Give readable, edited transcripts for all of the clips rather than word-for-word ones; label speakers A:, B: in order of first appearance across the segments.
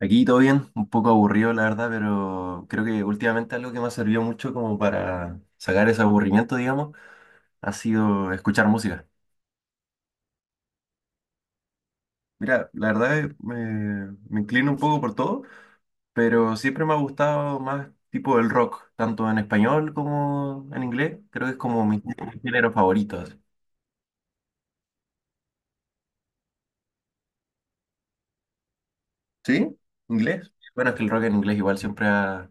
A: Aquí todo bien, un poco aburrido la verdad, pero creo que últimamente algo que me ha servido mucho como para sacar ese aburrimiento, digamos, ha sido escuchar música. Mira, la verdad me inclino un poco por todo, pero siempre me ha gustado más tipo el rock, tanto en español como en inglés. Creo que es como mi género favorito. ¿Sí? ¿Inglés? Bueno, es que el rock en inglés igual siempre ha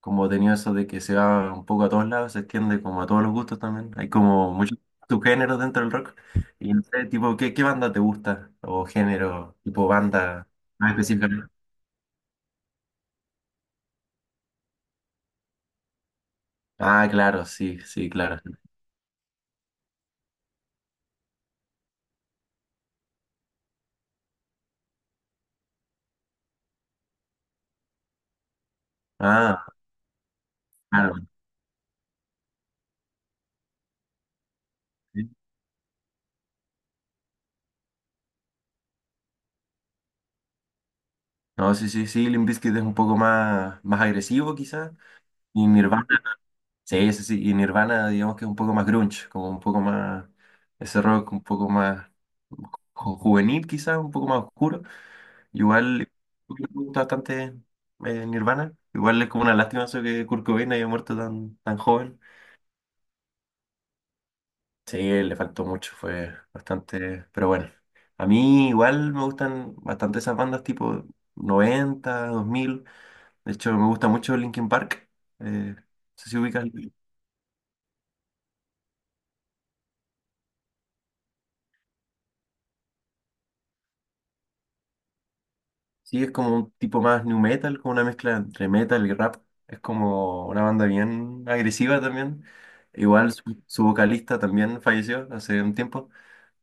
A: como tenido eso de que se va un poco a todos lados, se extiende como a todos los gustos también. Hay como muchos subgéneros dentro del rock. Y no sé, tipo, ¿qué banda te gusta? O género, tipo banda más específicamente. Ah, claro, sí, sí, claro. Ah, claro. Sí. No, sí, sí, sí, Limp Bizkit es un poco más, más agresivo quizás. Y Nirvana. Sí, sí, sí. Y Nirvana, digamos que es un poco más grunge, como un poco más, ese rock un poco más ju- juvenil quizás, un poco más oscuro. Igual me gusta bastante Nirvana. Igual es como una lástima eso que Kurt Cobain haya muerto tan, tan joven. Sí, le faltó mucho, fue bastante, pero bueno. A mí igual me gustan bastante esas bandas tipo 90, 2000. De hecho, me gusta mucho Linkin Park. No sé si ubicas. Sí, es como un tipo más new metal, como una mezcla entre metal y rap. Es como una banda bien agresiva también. Igual su vocalista también falleció hace un tiempo.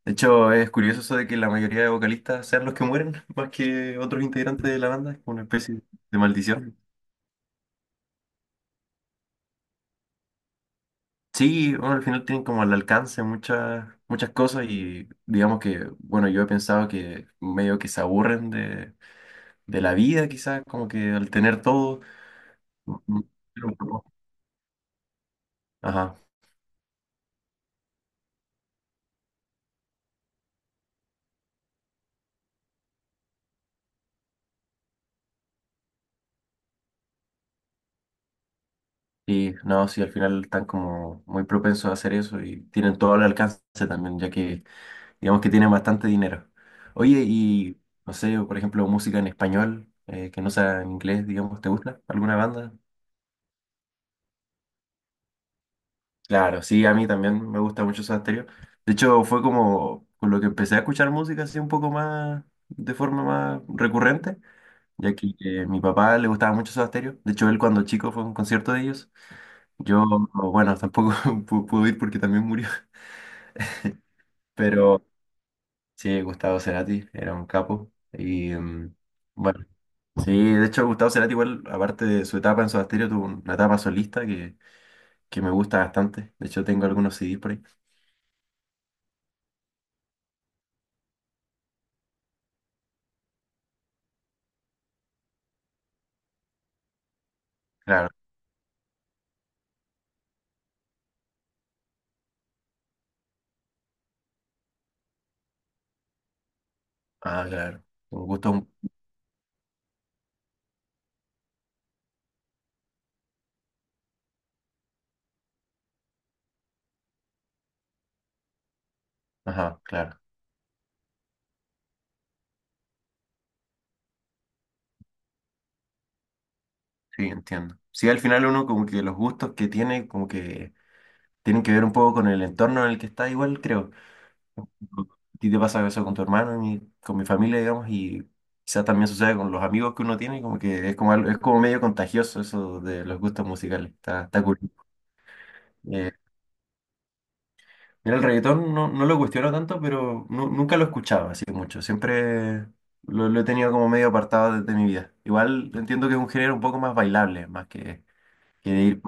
A: De hecho, es curioso eso de que la mayoría de vocalistas sean los que mueren, más que otros integrantes de la banda. Es como una especie de maldición. Sí, bueno, al final tienen como al alcance muchas, muchas cosas y digamos que, bueno, yo he pensado que medio que se aburren de la vida quizás, como que al tener todo. mm, mm, Ajá. Y no, sí, al final están como muy propensos a hacer eso y tienen todo el alcance también, ya que digamos que tienen bastante dinero. Oye, y no sé, por ejemplo, música en español, que no sea en inglés, digamos, ¿te gusta alguna banda? Claro, sí, a mí también me gusta mucho Soda Stereo. De hecho, fue como con lo que empecé a escuchar música así un poco más, de forma más recurrente, ya que mi papá le gustaba mucho Soda Stereo. De hecho, él cuando chico fue a un concierto de ellos. Yo, bueno, tampoco pude ir porque también murió. Pero sí, Gustavo Cerati era un capo. Y bueno, sí, de hecho Gustavo Cerati igual, aparte de su etapa en Soda Stereo, tuvo una etapa solista que me gusta bastante. De hecho tengo algunos CDs por ahí. Claro, ah, claro. Un gusto, un- ajá, claro. Sí, entiendo. Sí, al final uno como que los gustos que tiene, como que tienen que ver un poco con el entorno en el que está igual, creo. A ti te pasa eso con tu hermano y con mi familia, digamos, y quizás también sucede con los amigos que uno tiene, como que es como, algo- es como medio contagioso eso de los gustos musicales. Está, está cool. Eh, mira, el reggaetón no, no lo cuestiono tanto, pero nunca lo escuchaba así mucho. Siempre lo he tenido como medio apartado de mi vida. Igual entiendo que es un género un poco más bailable, más que de ir.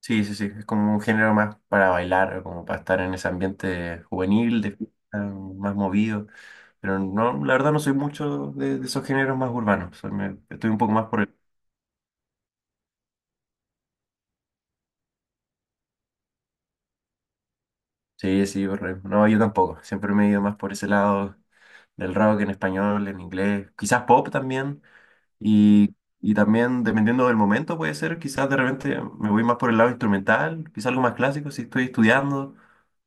A: Sí, sí, sí, es como un género más para bailar, como para estar en ese ambiente juvenil, de fiesta, más movido. Pero no, la verdad no soy mucho de esos géneros más urbanos. Soy- me- estoy un poco más por el... Sí, sí, por el- No, yo tampoco. Siempre me he ido más por ese lado del rock en español, en inglés. Quizás pop también. Y, y también, dependiendo del momento, puede ser, quizás de repente me voy más por el lado instrumental, quizás algo más clásico si estoy estudiando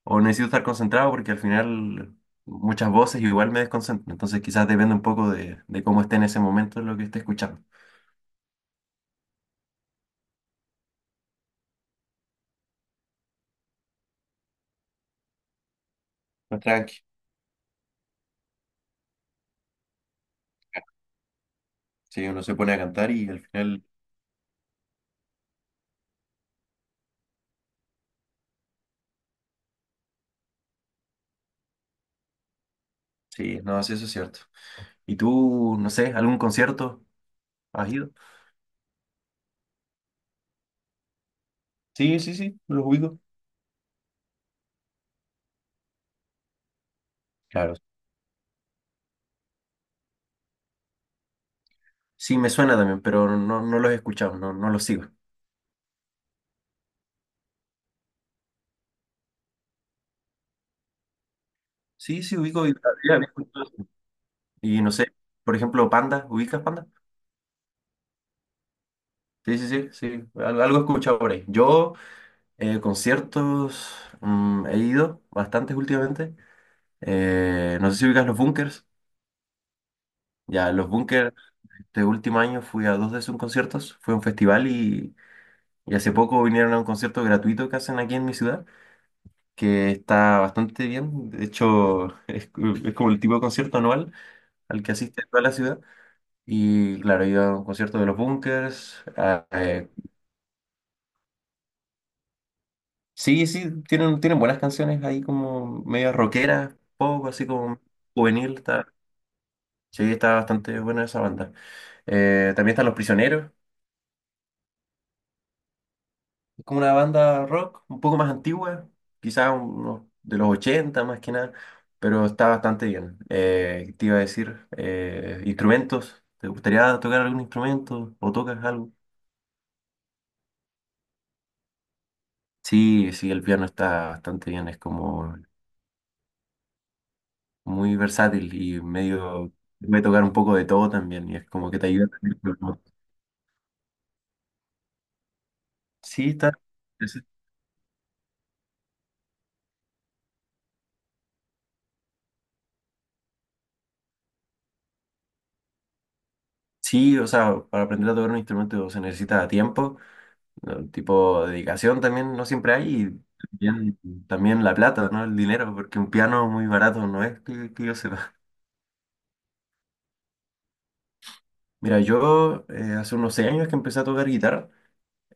A: o necesito estar concentrado porque al final muchas voces igual me desconcentran. Entonces, quizás depende un poco de cómo esté en ese momento lo que esté escuchando. Más tranqui. Sí, uno se pone a cantar y al final, sí, no, sí, eso es cierto. ¿Y tú, no sé, algún concierto has ido? Sí, sí, sí, los ubico. Claro. Sí, me suena también, pero no, no los he escuchado, no, no los sigo. Sí, sí, ubico. Y- y no sé, por ejemplo, Panda, ¿ubicas Panda? Sí, sí, sí, sí, al- algo he escuchado por ahí. Yo, conciertos, mm, he ido bastantes últimamente. No sé si ubicas los Bunkers. Ya, los Bunkers, este último año fui a dos de sus conciertos. Fue a un festival y hace poco vinieron a un concierto gratuito que hacen aquí en mi ciudad, que está bastante bien. De hecho, es como el tipo de concierto anual al que asiste toda la ciudad. Y claro, he ido a un concierto de los Bunkers. Sí, sí, tienen buenas canciones ahí como medio rockeras, pop, así como juvenil, está, sí, está bastante buena esa banda. También están Los Prisioneros, es como una banda rock un poco más antigua, quizás unos de los 80 más que nada, pero está bastante bien. Te iba a decir, instrumentos, ¿te gustaría tocar algún instrumento o tocas algo? Sí, sí, el piano está bastante bien, es como muy versátil y medio puede tocar un poco de todo también y es como que te ayuda también. Pero- sí, está. Es- sí, o sea, para aprender a tocar un instrumento se necesita tiempo, ¿no? Tipo dedicación también no siempre hay y también, también la plata, ¿no? El dinero, porque un piano muy barato no es que yo sepa. Mira, yo hace unos 6 años que empecé a tocar guitarra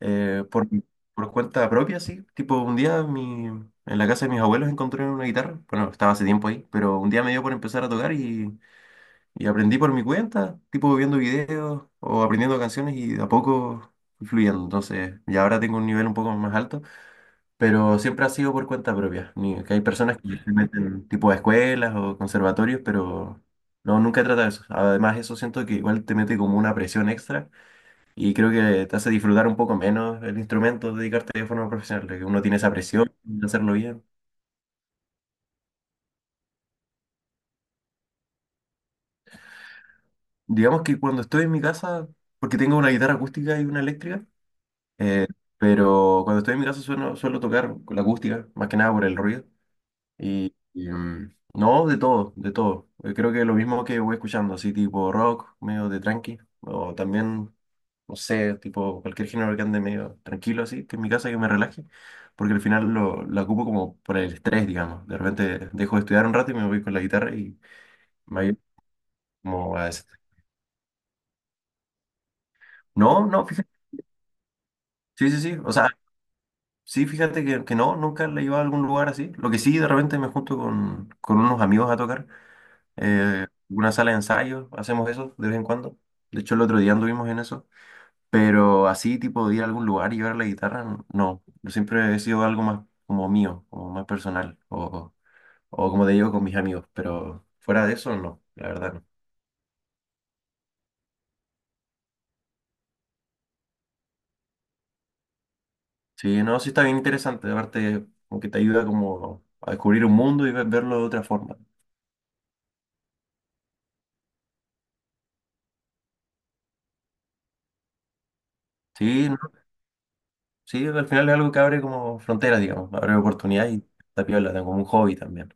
A: eh, por, por cuenta propia, sí. Tipo, un día mi, en la casa de mis abuelos encontré una guitarra. Bueno, estaba hace tiempo ahí, pero un día me dio por empezar a tocar y aprendí por mi cuenta, tipo viendo videos o aprendiendo canciones y de a poco fui fluyendo. Entonces, ya ahora tengo un nivel un poco más alto, pero siempre ha sido por cuenta propia. Ni, que hay personas que se meten tipo a escuelas o conservatorios, pero no, nunca he tratado eso. Además, eso siento que igual te mete como una presión extra y creo que te hace disfrutar un poco menos el instrumento, dedicarte de forma profesional, que uno tiene esa presión de hacerlo bien. Digamos que cuando estoy en mi casa, porque tengo una guitarra acústica y una eléctrica, Eh, pero cuando estoy en mi casa suelo tocar con la acústica, más que nada por el ruido. Y no, de todo, de todo. Creo que lo mismo que voy escuchando, así tipo rock, medio de tranqui, o también, no sé, tipo cualquier género que ande medio tranquilo así, que en mi casa que me relaje, porque al final lo ocupo como por el estrés, digamos. De repente dejo de estudiar un rato y me voy con la guitarra y me voy como a... des- No, no, fíjate. Sí, sí, sí. O sea, sí, fíjate que no, nunca la he llevado a algún lugar así. Lo que sí, de repente me junto con unos amigos a tocar. Una sala de ensayo, hacemos eso de vez en cuando. De hecho, el otro día anduvimos en eso. Pero así, tipo, de ir a algún lugar y llevar la guitarra, n- no. Yo siempre he sido algo más como mío, como más personal. O como te digo, con mis amigos. Pero fuera de eso, no, la verdad no. Sí, no, sí está bien interesante. Aparte, como que te ayuda como a descubrir un mundo y ve- verlo de otra forma. Sí, sí, al final es algo que abre como fronteras, digamos, abre oportunidades y está piola, tengo como un hobby también.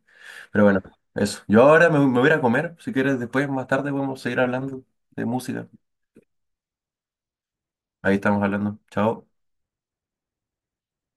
A: Pero bueno, eso. Yo ahora me voy a ir a comer, si quieres después, más tarde podemos seguir hablando de música. Ahí estamos hablando. Chao.